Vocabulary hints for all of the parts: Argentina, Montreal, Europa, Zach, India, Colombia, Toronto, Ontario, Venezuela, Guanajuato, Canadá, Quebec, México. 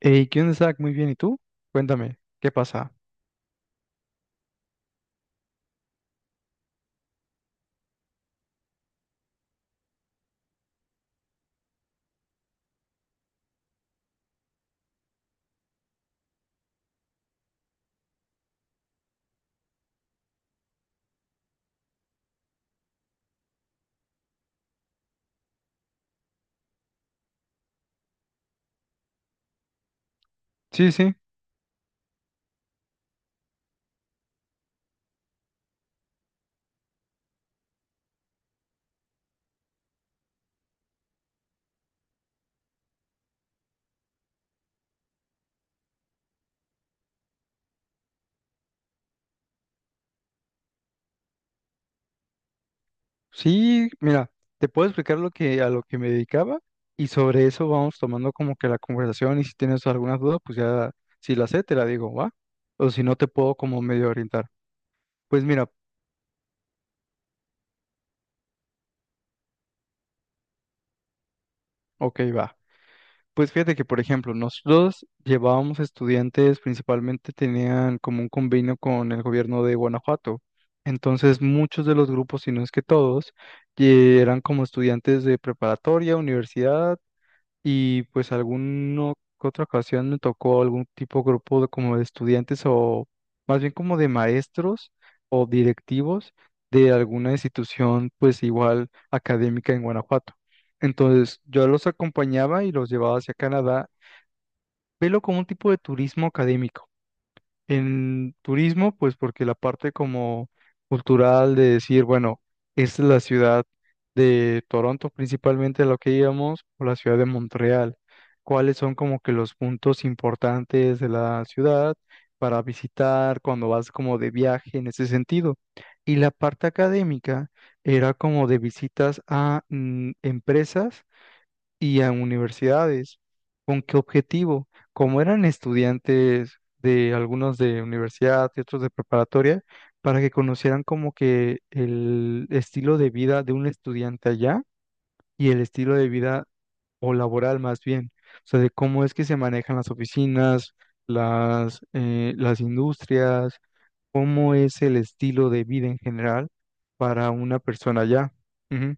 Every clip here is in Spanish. Hey, ¿qué onda, Zach? Muy bien, ¿y tú? Cuéntame, ¿qué pasa? Sí, sí, sí, mira, te puedo explicar a lo que me dedicaba y sobre eso vamos tomando como que la conversación y si tienes alguna duda, pues ya, si la sé, te la digo, ¿va? O si no, te puedo como medio orientar. Pues mira, ok, va. Pues fíjate que, por ejemplo, nosotros llevábamos estudiantes, principalmente tenían como un convenio con el gobierno de Guanajuato. Entonces, muchos de los grupos, si no es que todos, eran como estudiantes de preparatoria, universidad y pues alguna que otra ocasión me tocó algún tipo de grupo de, como de estudiantes o más bien como de maestros o directivos de alguna institución pues igual académica en Guanajuato. Entonces yo los acompañaba y los llevaba hacia Canadá, pero como un tipo de turismo académico. En turismo, pues porque la parte como cultural de decir, bueno, esta es la ciudad de Toronto, principalmente a lo que íbamos, o la ciudad de Montreal, cuáles son como que los puntos importantes de la ciudad para visitar cuando vas como de viaje en ese sentido. Y la parte académica era como de visitas a empresas y a universidades. ¿Con qué objetivo? Como eran estudiantes de algunos de universidad y otros de preparatoria, para que conocieran como que el estilo de vida de un estudiante allá y el estilo de vida o laboral más bien, o sea, de cómo es que se manejan las oficinas, las industrias, cómo es el estilo de vida en general para una persona allá. Ujú.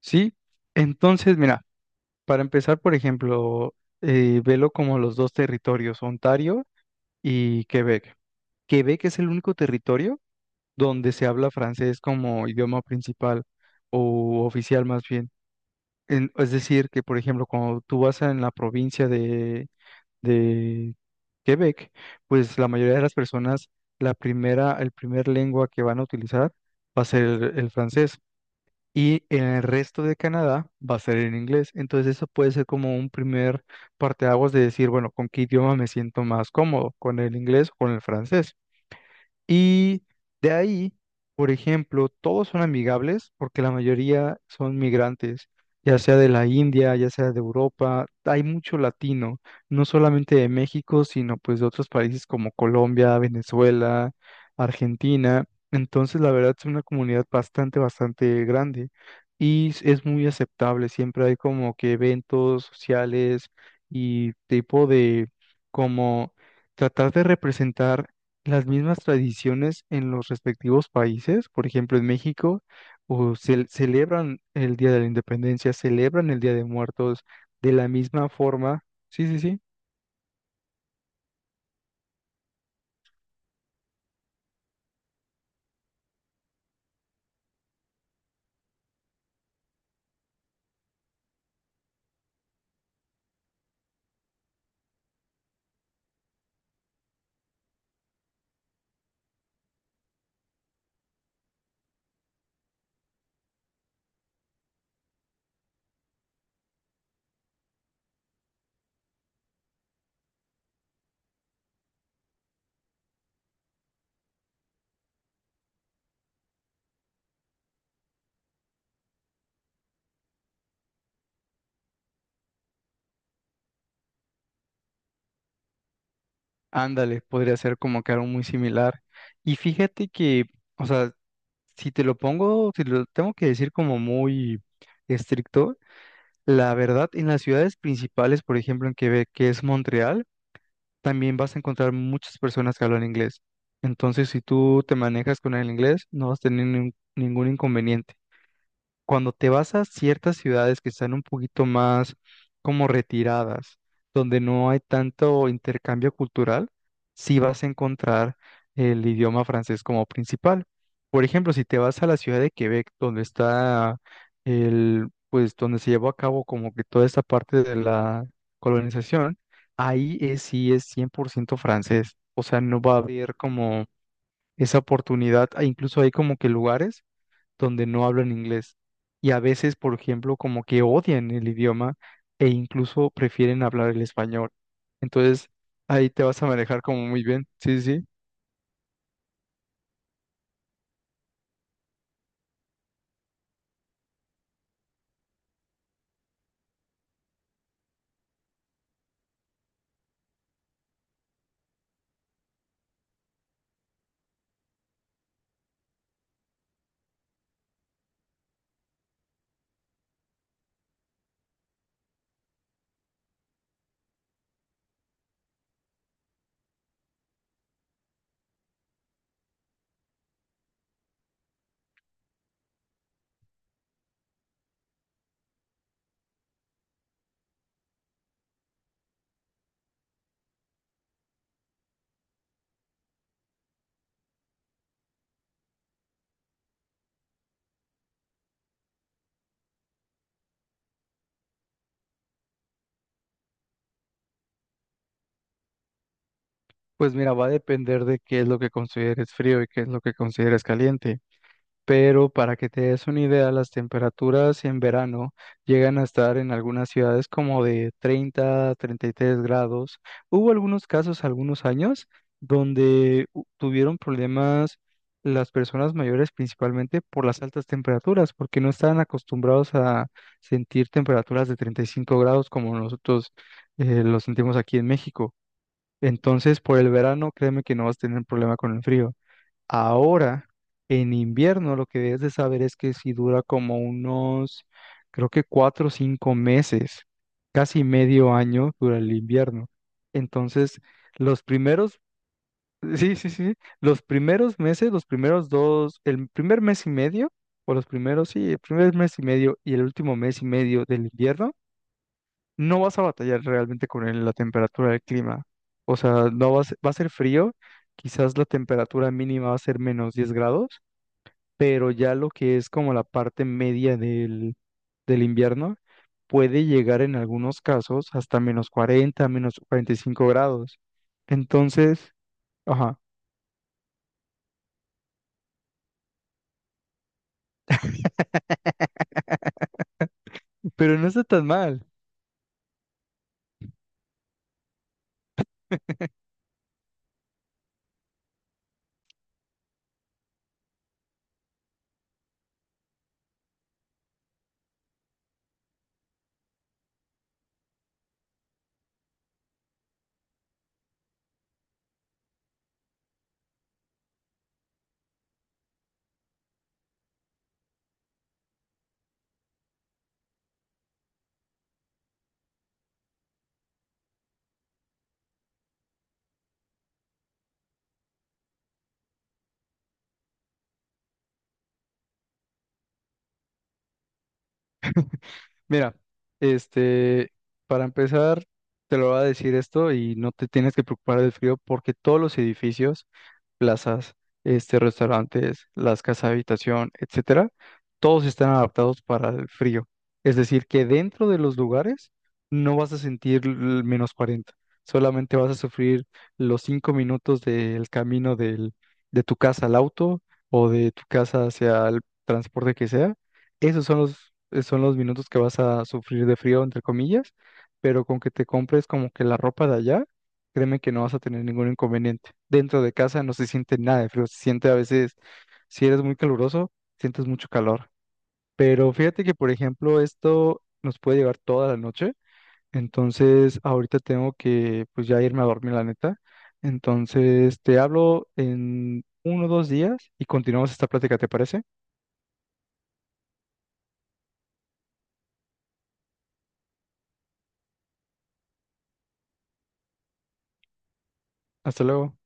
Sí, entonces, mira. Para empezar, por ejemplo, velo como los dos territorios, Ontario y Quebec. Quebec es el único territorio donde se habla francés como idioma principal o oficial más bien. Es decir, que por ejemplo, cuando tú vas en la provincia de Quebec, pues la mayoría de las personas, el primer lengua que van a utilizar va a ser el francés y en el resto de Canadá va a ser en inglés. Entonces eso puede ser como un primer parteaguas de decir, bueno, ¿con qué idioma me siento más cómodo? ¿Con el inglés o con el francés? Y de ahí, por ejemplo, todos son amigables porque la mayoría son migrantes, ya sea de la India, ya sea de Europa, hay mucho latino, no solamente de México, sino pues de otros países como Colombia, Venezuela, Argentina. Entonces, la verdad es una comunidad bastante, bastante grande y es muy aceptable. Siempre hay como que eventos sociales y tipo de como tratar de representar las mismas tradiciones en los respectivos países. Por ejemplo, en México, o celebran el Día de la Independencia, celebran el Día de Muertos de la misma forma. Sí, sí, sí. Ándale, podría ser como que algo muy similar. Y fíjate que, o sea, si te lo pongo, si lo tengo que decir como muy estricto, la verdad, en las ciudades principales, por ejemplo, en Quebec, que es Montreal, también vas a encontrar muchas personas que hablan inglés. Entonces, si tú te manejas con el inglés, no vas a tener ningún inconveniente. Cuando te vas a ciertas ciudades que están un poquito más como retiradas, donde no hay tanto intercambio cultural, sí vas a encontrar el idioma francés como principal. Por ejemplo, si te vas a la ciudad de Quebec, donde está pues donde se llevó a cabo como que toda esta parte de la colonización, ahí sí es 100% francés. O sea, no va a haber como esa oportunidad. E incluso hay como que lugares donde no hablan inglés. Y a veces, por ejemplo, como que odian el idioma e incluso prefieren hablar el español. Entonces, ahí te vas a manejar como muy bien. Sí, sí, sí. Pues mira, va a depender de qué es lo que consideres frío y qué es lo que consideres caliente. Pero para que te des una idea, las temperaturas en verano llegan a estar en algunas ciudades como de 30, 33 grados. Hubo algunos casos, algunos años, donde tuvieron problemas las personas mayores principalmente por las altas temperaturas, porque no estaban acostumbrados a sentir temperaturas de 35 grados como nosotros lo sentimos aquí en México. Entonces, por el verano, créeme que no vas a tener problema con el frío. Ahora, en invierno, lo que debes de saber es que si dura como unos, creo que 4 o 5 meses, casi medio año dura el invierno. Entonces, los primeros, sí, sí, sí, los primeros meses, los primeros dos, el primer mes y medio, o los primeros, sí, el primer mes y medio y el último mes y medio del invierno, no vas a batallar realmente con la temperatura del clima. O sea, no vas, va a ser frío, quizás la temperatura mínima va a ser -10 grados, pero ya lo que es como la parte media del invierno puede llegar en algunos casos hasta -40, -45 grados. Entonces, ajá, pero no está tan mal. Mira, este, para empezar, te lo voy a decir esto y no te tienes que preocupar del frío porque todos los edificios, plazas, este, restaurantes, las casas de habitación, etcétera, todos están adaptados para el frío. Es decir, que dentro de los lugares no vas a sentir el -40, solamente vas a sufrir los 5 minutos del camino de tu casa al auto o de tu casa hacia el transporte que sea. Esos son los minutos que vas a sufrir de frío, entre comillas, pero con que te compres como que la ropa de allá. Créeme que no vas a tener ningún inconveniente. Dentro de casa no se siente nada de frío, se siente a veces, si eres muy caluroso, sientes mucho calor. Pero fíjate que, por ejemplo, esto nos puede llevar toda la noche. Entonces, ahorita tengo que, pues ya irme a dormir, la neta. Entonces, te hablo en 1 o 2 días y continuamos esta plática, ¿te parece? Hasta luego.